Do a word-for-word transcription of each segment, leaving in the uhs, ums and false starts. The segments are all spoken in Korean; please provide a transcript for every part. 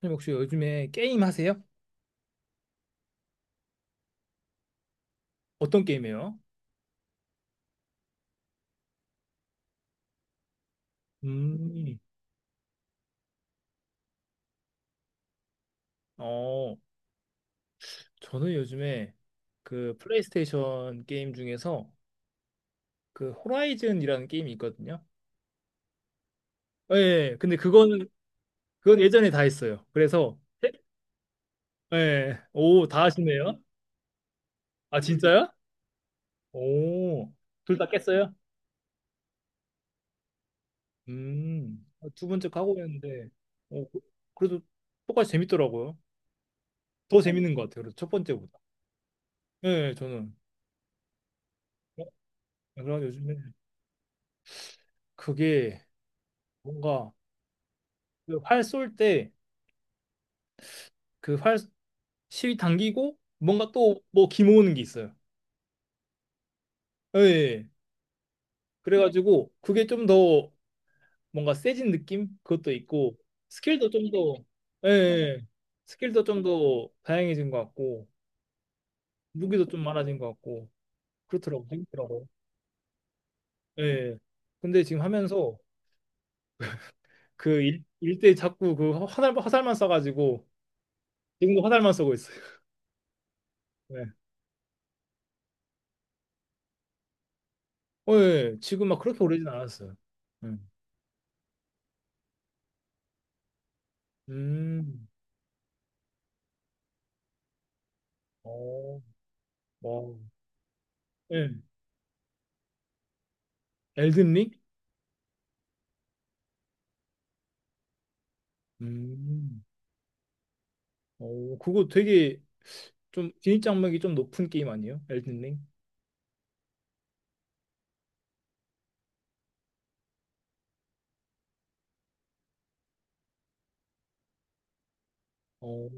선생님 혹시 요즘에 게임 하세요? 어떤 게임이에요? 음, 어, 저는 요즘에 그 플레이스테이션 게임 중에서 그 호라이즌이라는 게임이 있거든요. 예, 근데 그거는 그건 예전에 다 했어요. 그래서 예, 오, 다 하시네요. 아, 진짜요? 오, 둘 다 깼어요? 음, 두 번째 하고 있는데, 어, 그, 그래도 똑같이 재밌더라고요. 더 재밌는 것 같아요. 그래서 첫 번째보다. 예, 저는. 어, 그래서 요즘에 그게 뭔가 그 활쏠 때 그 활 실이 당기고 뭔가 또 뭐 기모으는 게 있어요. 예. 예, 예. 그래가지고 그게 좀 더 뭔가 세진 느낌? 그것도 있고 스킬도 좀더 예. 예. 예. 스킬도 좀 더 다양해진 것 같고 무기도 좀 많아진 것 같고 그렇더라고 재밌더라고. 예. 예. 근데 지금 하면서 그 일, 일대 자꾸 그 화살 화살만 써가지고 지금도 화살만 쏘고 있어요. 예. 어, 예. 예. 지금 막 그렇게 오래진 않았어요. 예. 음. 어, 와, 예, 엘든 링? 음, 어, 그거 되게 좀 진입장벽이 좀 높은 게임 아니에요? 엘든 링? 어,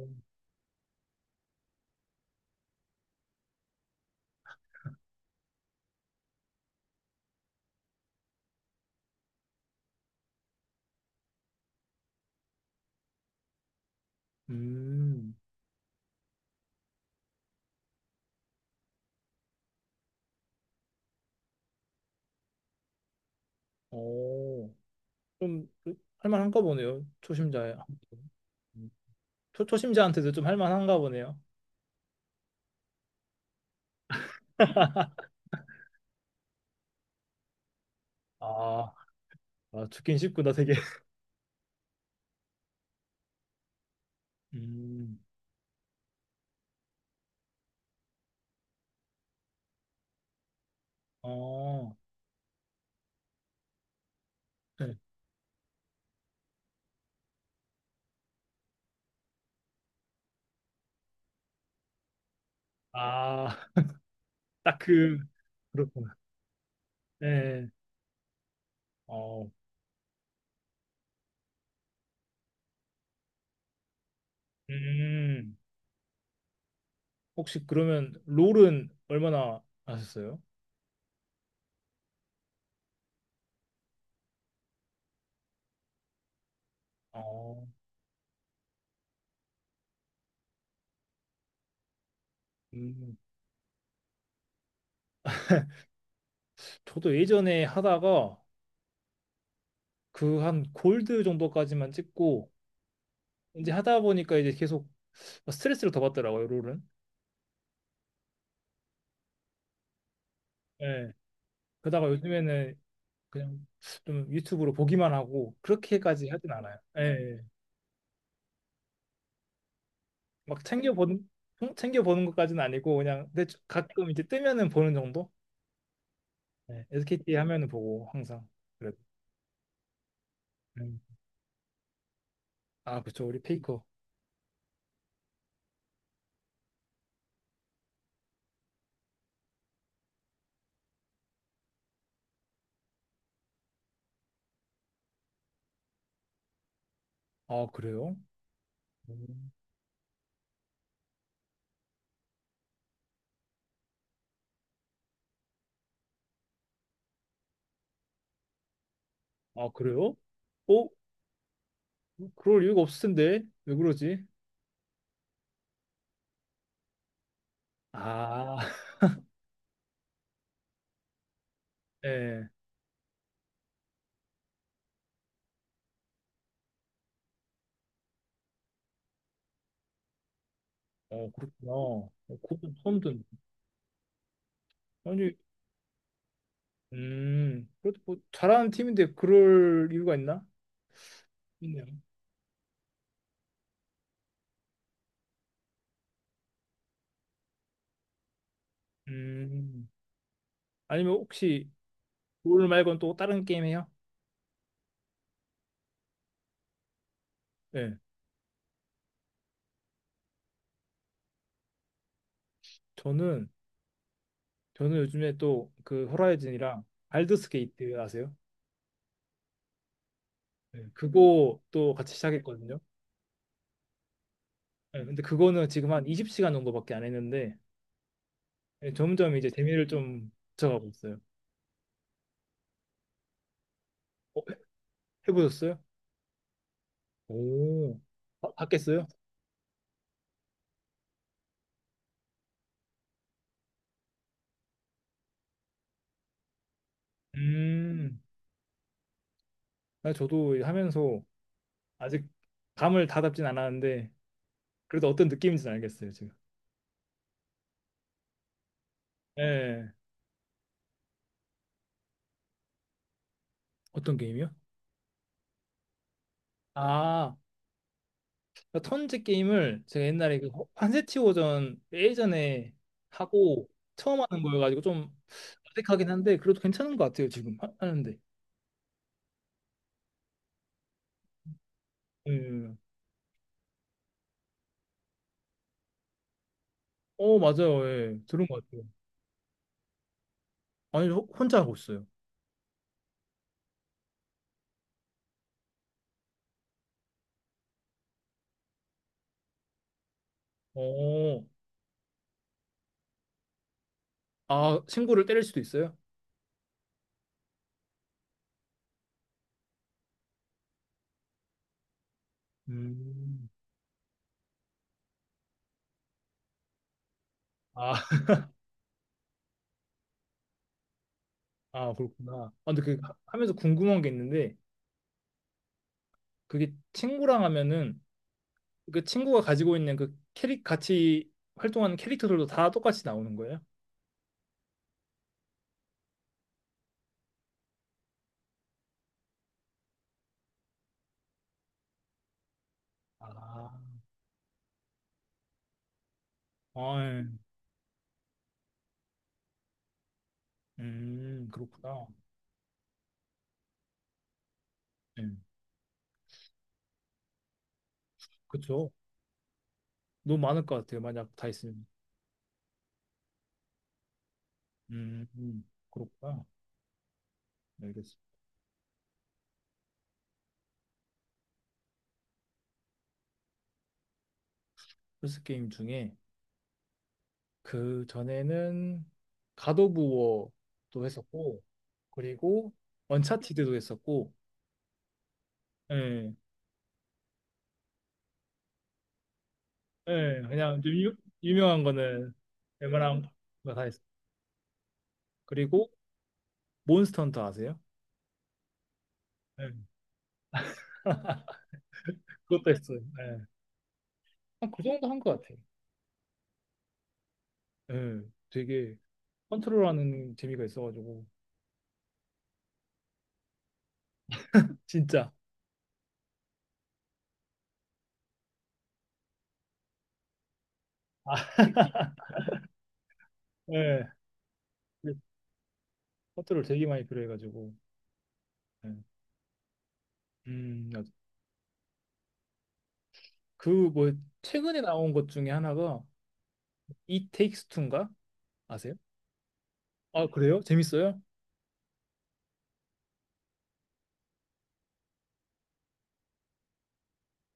음, 어, 좀 할만한가 보네요. 초심자에. 음, 초, 초심자한테도 좀 할만한가 보네요. 아, 아, 죽긴 쉽구나, 되게. 음, 어, 예. 아, 딱 그, 그렇구나. 예, 어, 음, 혹시 그러면 롤은 얼마나 하셨어요? 어, 음. 저도 예전에 하다가 그 한 골드 정도까지만 찍고 이제 하다 보니까 이제 계속 스트레스를 더 받더라고요, 롤은. 예. 그러다가 요즘에는 그냥 좀 유튜브로 보기만 하고 그렇게까지 하진 않아요. 예. 예. 막 챙겨 보는 챙겨 보는 것까지는 아니고 그냥 근데 가끔 이제 뜨면은 보는 정도. 예. 에스케이티 하면은 보고 항상 그래도. 음. 아, 그쵸. 우리 페이커. 아, 그래요? 음. 아, 그래요? 어? 그럴 이유가 없을 텐데 왜 그러지? 아, 네, 어 그렇구나. 어, 그것도 처음 듣네. 아니, 음, 그래도 뭐 잘하는 팀인데 그럴 이유가 있나? 있네요. 음, 아니면 혹시 롤 말고는 또 다른 게임 해요? 네, 저는 저는 요즘에 또 그 호라이즌이랑 발더스 게이트 아세요? 네, 그거 또 같이 시작했거든요. 네, 근데 그거는 지금 한 이십 시간 정도밖에 안 했는데 네, 점점 이제 재미를 좀 붙여가고 있어요. 어, 해보셨어요? 오, 바- 봤겠어요? 음, 아, 저도 하면서 아직 감을 다 잡진 않았는데, 그래도 어떤 느낌인지는 알겠어요, 지금. 예. 어떤 게임이요? 아, 턴제 게임을 제가 옛날에 그 한세티오전 예전에 하고 처음 하는 거여가지고 좀 어색하긴 한데, 그래도 괜찮은 것 같아요, 지금 하- 하는데. 예. 어, 맞아요. 예. 들은 것 같아요. 아니, 호- 혼자 하고 있어요. 어, 아, 친구를 때릴 수도 있어요? 음. 아, 아, 그렇구나. 아, 근데 그 하- 하면서 궁금한 게 있는데 그게 친구랑 하면은 그 친구가 가지고 있는 그 캐릭 같이 활동하는 캐릭터들도 다 똑같이 나오는 거예요? 아, 아, 예. 음, 그렇구나. 예, 그쵸. 너무 많을 것 같아요. 만약 다 있으면. 음, 음, 그렇구나. 알겠어. 플스 게임 중에 그 전에는 갓 오브 워도 했었고 그리고 언차티드도 했었고 예. 예, 그냥 좀 유, 유명한 거는 웬만한 거 다 했어. 그리고 몬스터 헌터 아세요? 예, 그것도 했어요. 예. 한그 정도 한 것 같아요. 예, 되게 컨트롤하는 재미가 있어가지고 진짜. 아, 예. 그 컨트롤 되게 많이 필요해가지고. 예. 음, 그뭐 최근에 나온 것 중에 하나가 It Takes Two 인가 아세요? 아, 그래요? 재밌어요?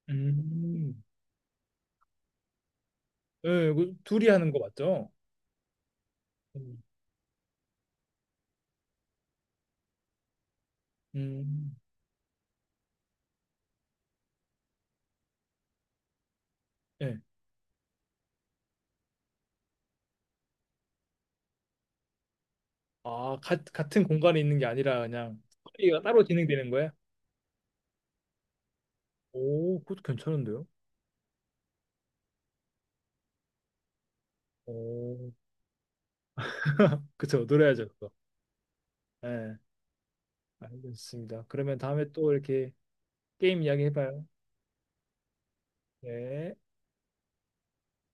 음. 예, 그 둘이 하는 거 맞죠? 음. 음. 예. 아, 가, 같은 공간에 있는 게 아니라 그냥 스토리가 따로 진행되는 거야? 오, 그것도 괜찮은데요? 오, 그쵸, 노래하죠, 그거. 네, 알겠습니다. 그러면 다음에 또 이렇게 게임 이야기 해봐요. 네.